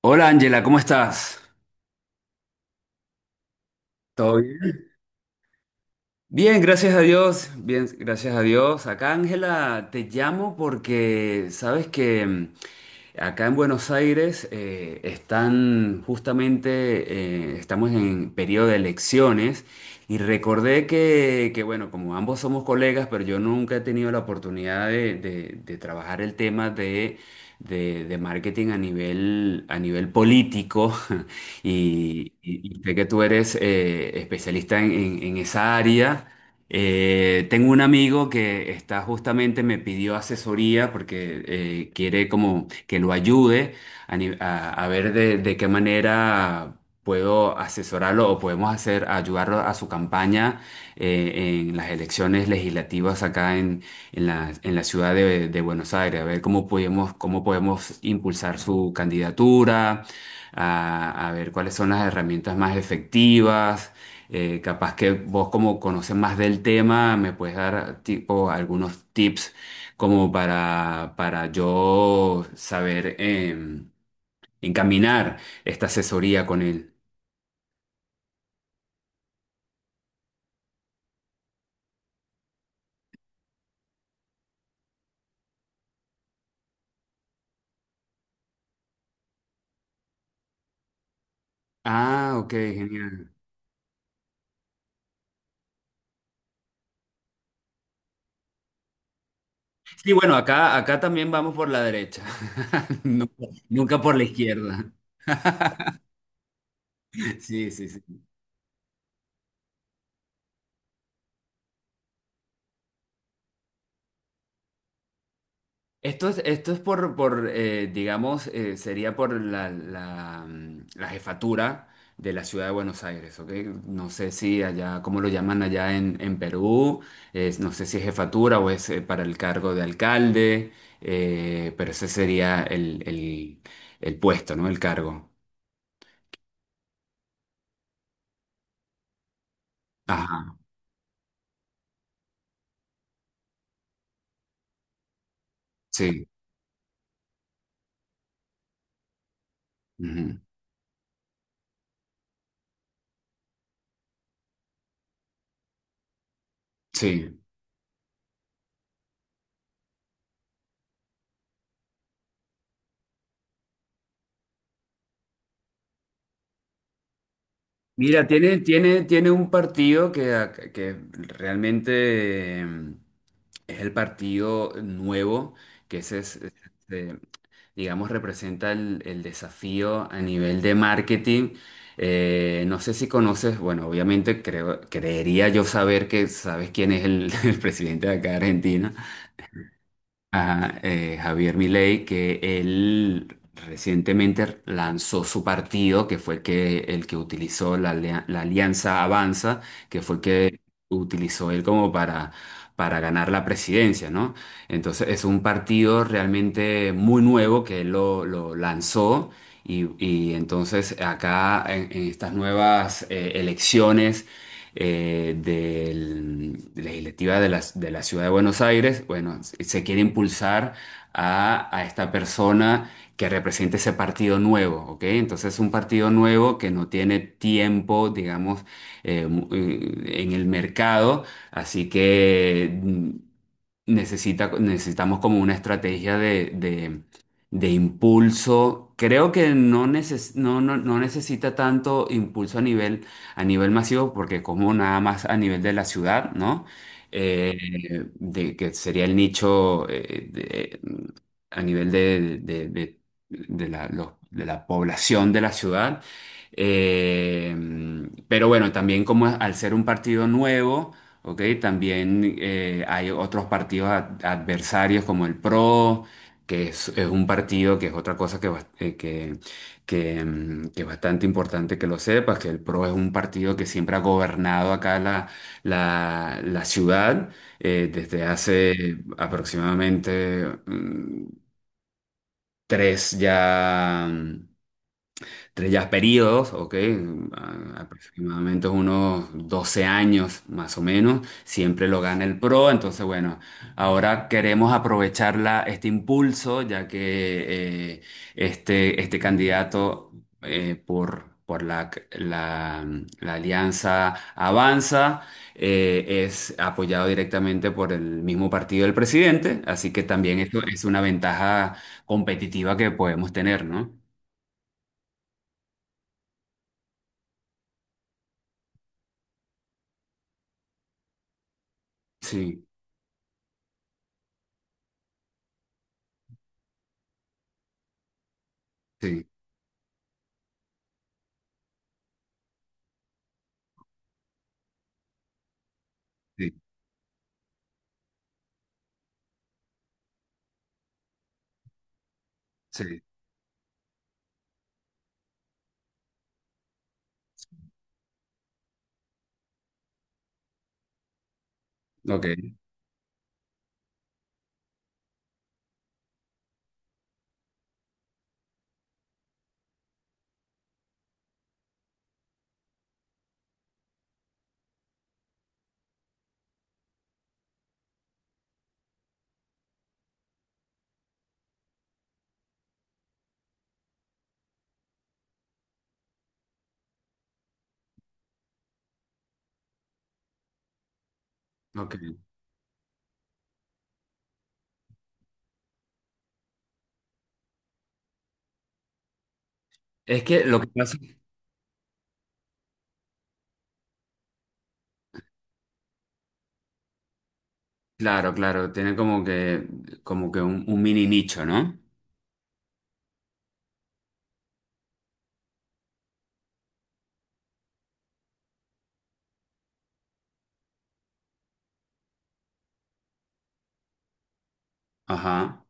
Hola Ángela, ¿cómo estás? ¿Todo bien? Bien, gracias a Dios. Bien, gracias a Dios. Acá Ángela, te llamo porque sabes que acá en Buenos Aires están justamente, estamos en periodo de elecciones y recordé que, bueno, como ambos somos colegas, pero yo nunca he tenido la oportunidad de trabajar el tema de marketing a nivel político y sé que tú eres especialista en esa área. Tengo un amigo que está justamente, me pidió asesoría porque quiere como que lo ayude a, ni- a ver de qué manera puedo asesorarlo o podemos hacer ayudarlo a su campaña en las elecciones legislativas acá en la ciudad de Buenos Aires, a ver cómo podemos impulsar su candidatura, a ver cuáles son las herramientas más efectivas. Capaz que vos como conoces más del tema, me puedes dar tipo algunos tips como para yo saber encaminar esta asesoría con él. Ah, ok, genial. Sí, bueno, acá también vamos por la derecha, nunca, nunca por la izquierda. Sí, sí, sí. Esto es por digamos, sería por la jefatura de la ciudad de Buenos Aires, ¿ok? No sé si allá, cómo lo llaman allá en Perú, no sé si es jefatura o es para el cargo de alcalde, pero ese sería el puesto, ¿no? El cargo. Ajá, sí. Ujú, sí. Mira, tiene un partido que realmente es el partido nuevo, que ese es- eh, digamos, representa el desafío a nivel de marketing. No sé si conoces, bueno, obviamente creo, creería yo saber que sabes quién es el, el presidente de acá de Argentina, a Javier Milei, que él recientemente lanzó su partido, que fue que, el que utilizó la Alianza Avanza, que fue que utilizó él como para ganar la presidencia, ¿no? Entonces es un partido realmente muy nuevo que él lo lanzó. Y entonces acá en estas nuevas elecciones de legislativa de la Ciudad de Buenos Aires, bueno, se quiere impulsar a esta persona que represente ese partido nuevo, ¿ok? Entonces un partido nuevo que no tiene tiempo, digamos, en el mercado, así que necesitamos como una estrategia de impulso. Creo que no necesita tanto impulso a nivel masivo, porque como nada más a nivel de la ciudad, ¿no? Que sería el nicho a nivel de la población de la ciudad. Eh, pero bueno, también como al ser un partido nuevo, ¿ok? También hay otros partidos adversarios como el PRO, que es un partido que es otra cosa que es bastante importante que lo sepas, que el PRO es un partido que siempre ha gobernado acá la ciudad desde hace aproximadamente tres ya. mm, Entre ya periodos, ok, aproximadamente unos 12 años más o menos, siempre lo gana el PRO, entonces bueno, ahora queremos aprovechar este impulso, ya que este candidato por la alianza Avanza es apoyado directamente por el mismo partido del presidente, así que también esto es una ventaja competitiva que podemos tener, ¿no? Sí. Sí. Sí, sí, ok, ok. Es que lo que pasa, claro, claro, tiene como que un mini nicho, ¿no? Ajá.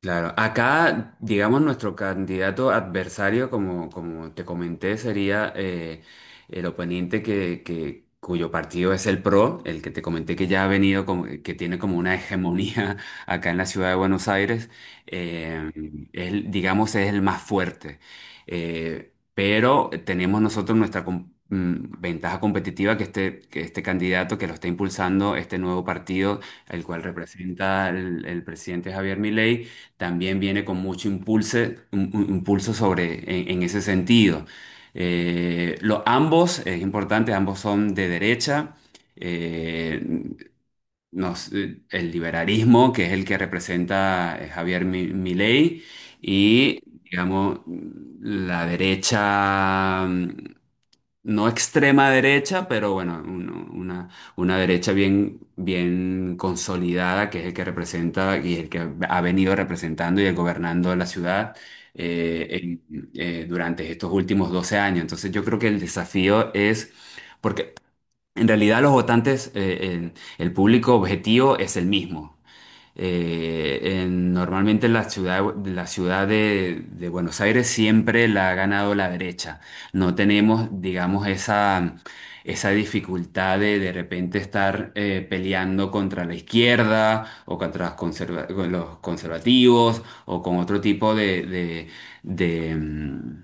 Claro, acá, digamos, nuestro candidato adversario, como te comenté, sería el oponente que cuyo partido es el PRO, el que te comenté que ya ha venido, que tiene como una hegemonía acá en la ciudad de Buenos Aires. Eh, él, digamos, es el más fuerte. Pero tenemos nosotros nuestra ventaja competitiva que este candidato que lo está impulsando, este nuevo partido, el cual representa el presidente Javier Milei, también viene con mucho impulso, impulso sobre, en ese sentido. Ambos, es importante, ambos son de derecha. Eh, el liberalismo, que es el que representa Javier Milei, y, digamos, la derecha. No extrema derecha, pero bueno, una derecha bien, bien consolidada, que es el que representa y el que ha venido representando y gobernando la ciudad eh, durante estos últimos 12 años. Entonces yo creo que el desafío es, porque en realidad los votantes, el público objetivo es el mismo. Normalmente en la ciudad de Buenos Aires siempre la ha ganado la derecha. No tenemos, digamos, esa dificultad de repente estar peleando contra la izquierda o contra con los conservativos o con otro tipo de, mm,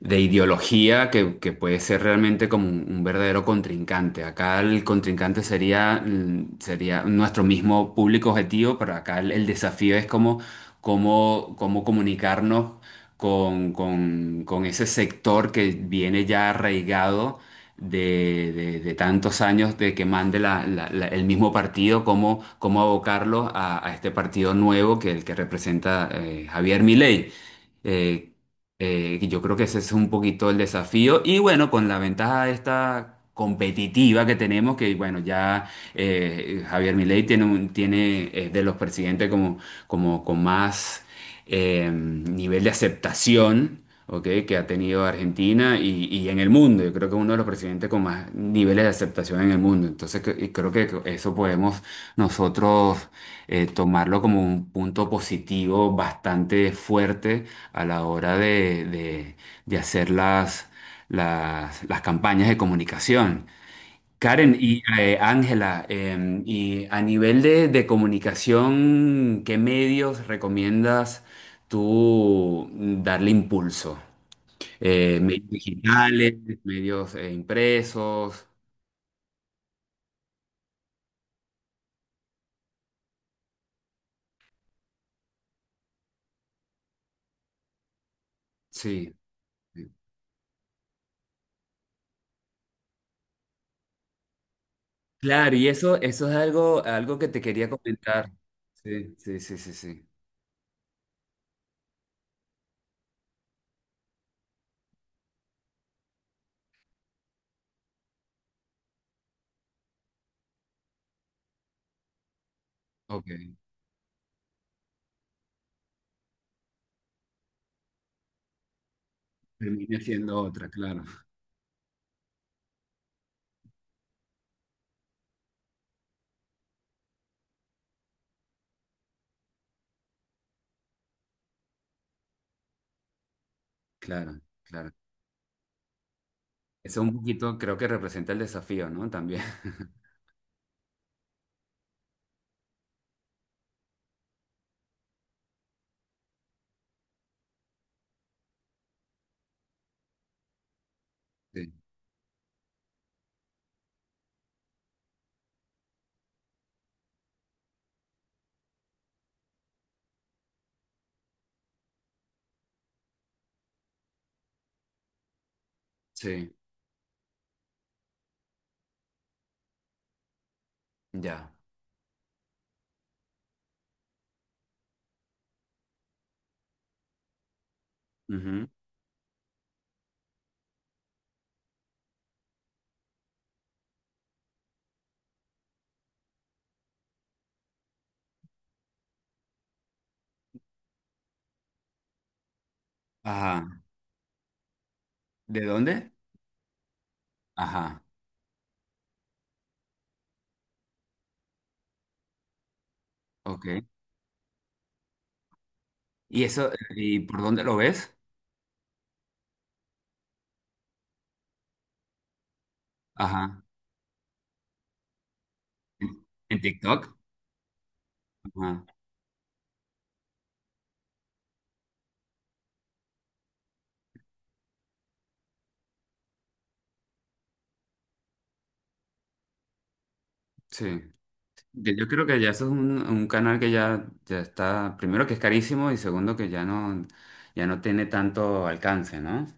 de ideología que puede ser realmente como un verdadero contrincante. Acá el contrincante sería nuestro mismo público objetivo, pero acá el desafío es cómo comunicarnos con ese sector que viene ya arraigado. De tantos años de que mande el mismo partido, cómo abocarlo a este partido nuevo que el que representa Javier Milei. Eh, y yo creo que ese es un poquito el desafío. Y bueno, con la ventaja esta competitiva que tenemos, que bueno, ya Javier Milei es de los presidentes como con más nivel de aceptación, ¿ok?, que ha tenido Argentina y en el mundo. Yo creo que es uno de los presidentes con más niveles de aceptación en el mundo. Entonces, y creo que eso podemos nosotros tomarlo como un punto positivo bastante fuerte a la hora de hacer las campañas de comunicación. Karen y Ángela, y a nivel de comunicación, ¿qué medios recomiendas tú darle impulso? Medios digitales, medios impresos. Sí. Sí. Claro, y eso es algo que te quería comentar. Sí, sí, sí, sí, sí. Ok. Terminé siendo otra, claro, claro, claro. Eso un poquito creo que representa el desafío, ¿no? También. Sí, sí, ya. Ujú. Ajá. ¿De dónde? Ajá. Ok. ¿Y eso, y por dónde lo ves? Ajá. ¿En TikTok? Ajá. Sí. Que Yo creo que ya eso es un canal que ya está, primero que es carísimo y segundo que ya no tiene tanto alcance, ¿no?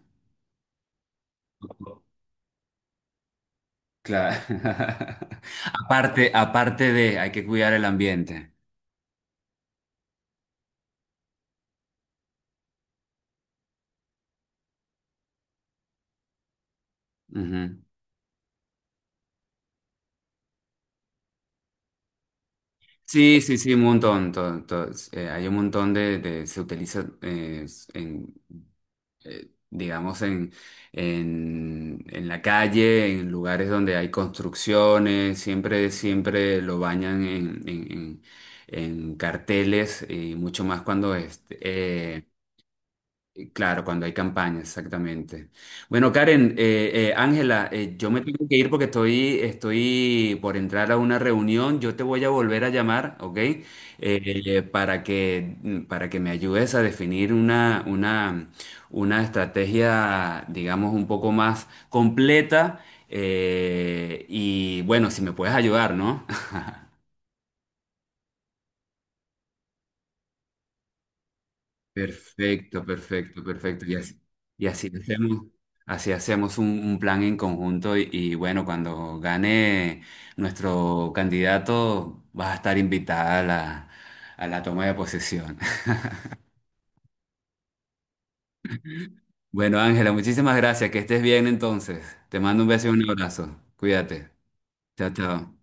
Claro. Aparte, hay que cuidar el ambiente. Ujú. Sí, sí, sí, un montón. Hay un montón se utiliza en, digamos, en la calle, en lugares donde hay construcciones, siempre lo bañan en, en carteles y mucho más cuando claro, cuando hay campañas, exactamente. Bueno, Ángela, yo me tengo que ir porque estoy por entrar a una reunión. Yo te voy a volver a llamar, ¿ok? Para que me ayudes a definir una estrategia, digamos, un poco más completa. Y bueno, si me puedes ayudar, ¿no? Perfecto, perfecto, perfecto. Y así hacemos un plan en conjunto y bueno, cuando gane nuestro candidato, vas a estar invitada a la toma de posesión. Bueno, Ángela, muchísimas gracias. Que estés bien entonces. Te mando un beso y un abrazo. Cuídate. Chao, chao.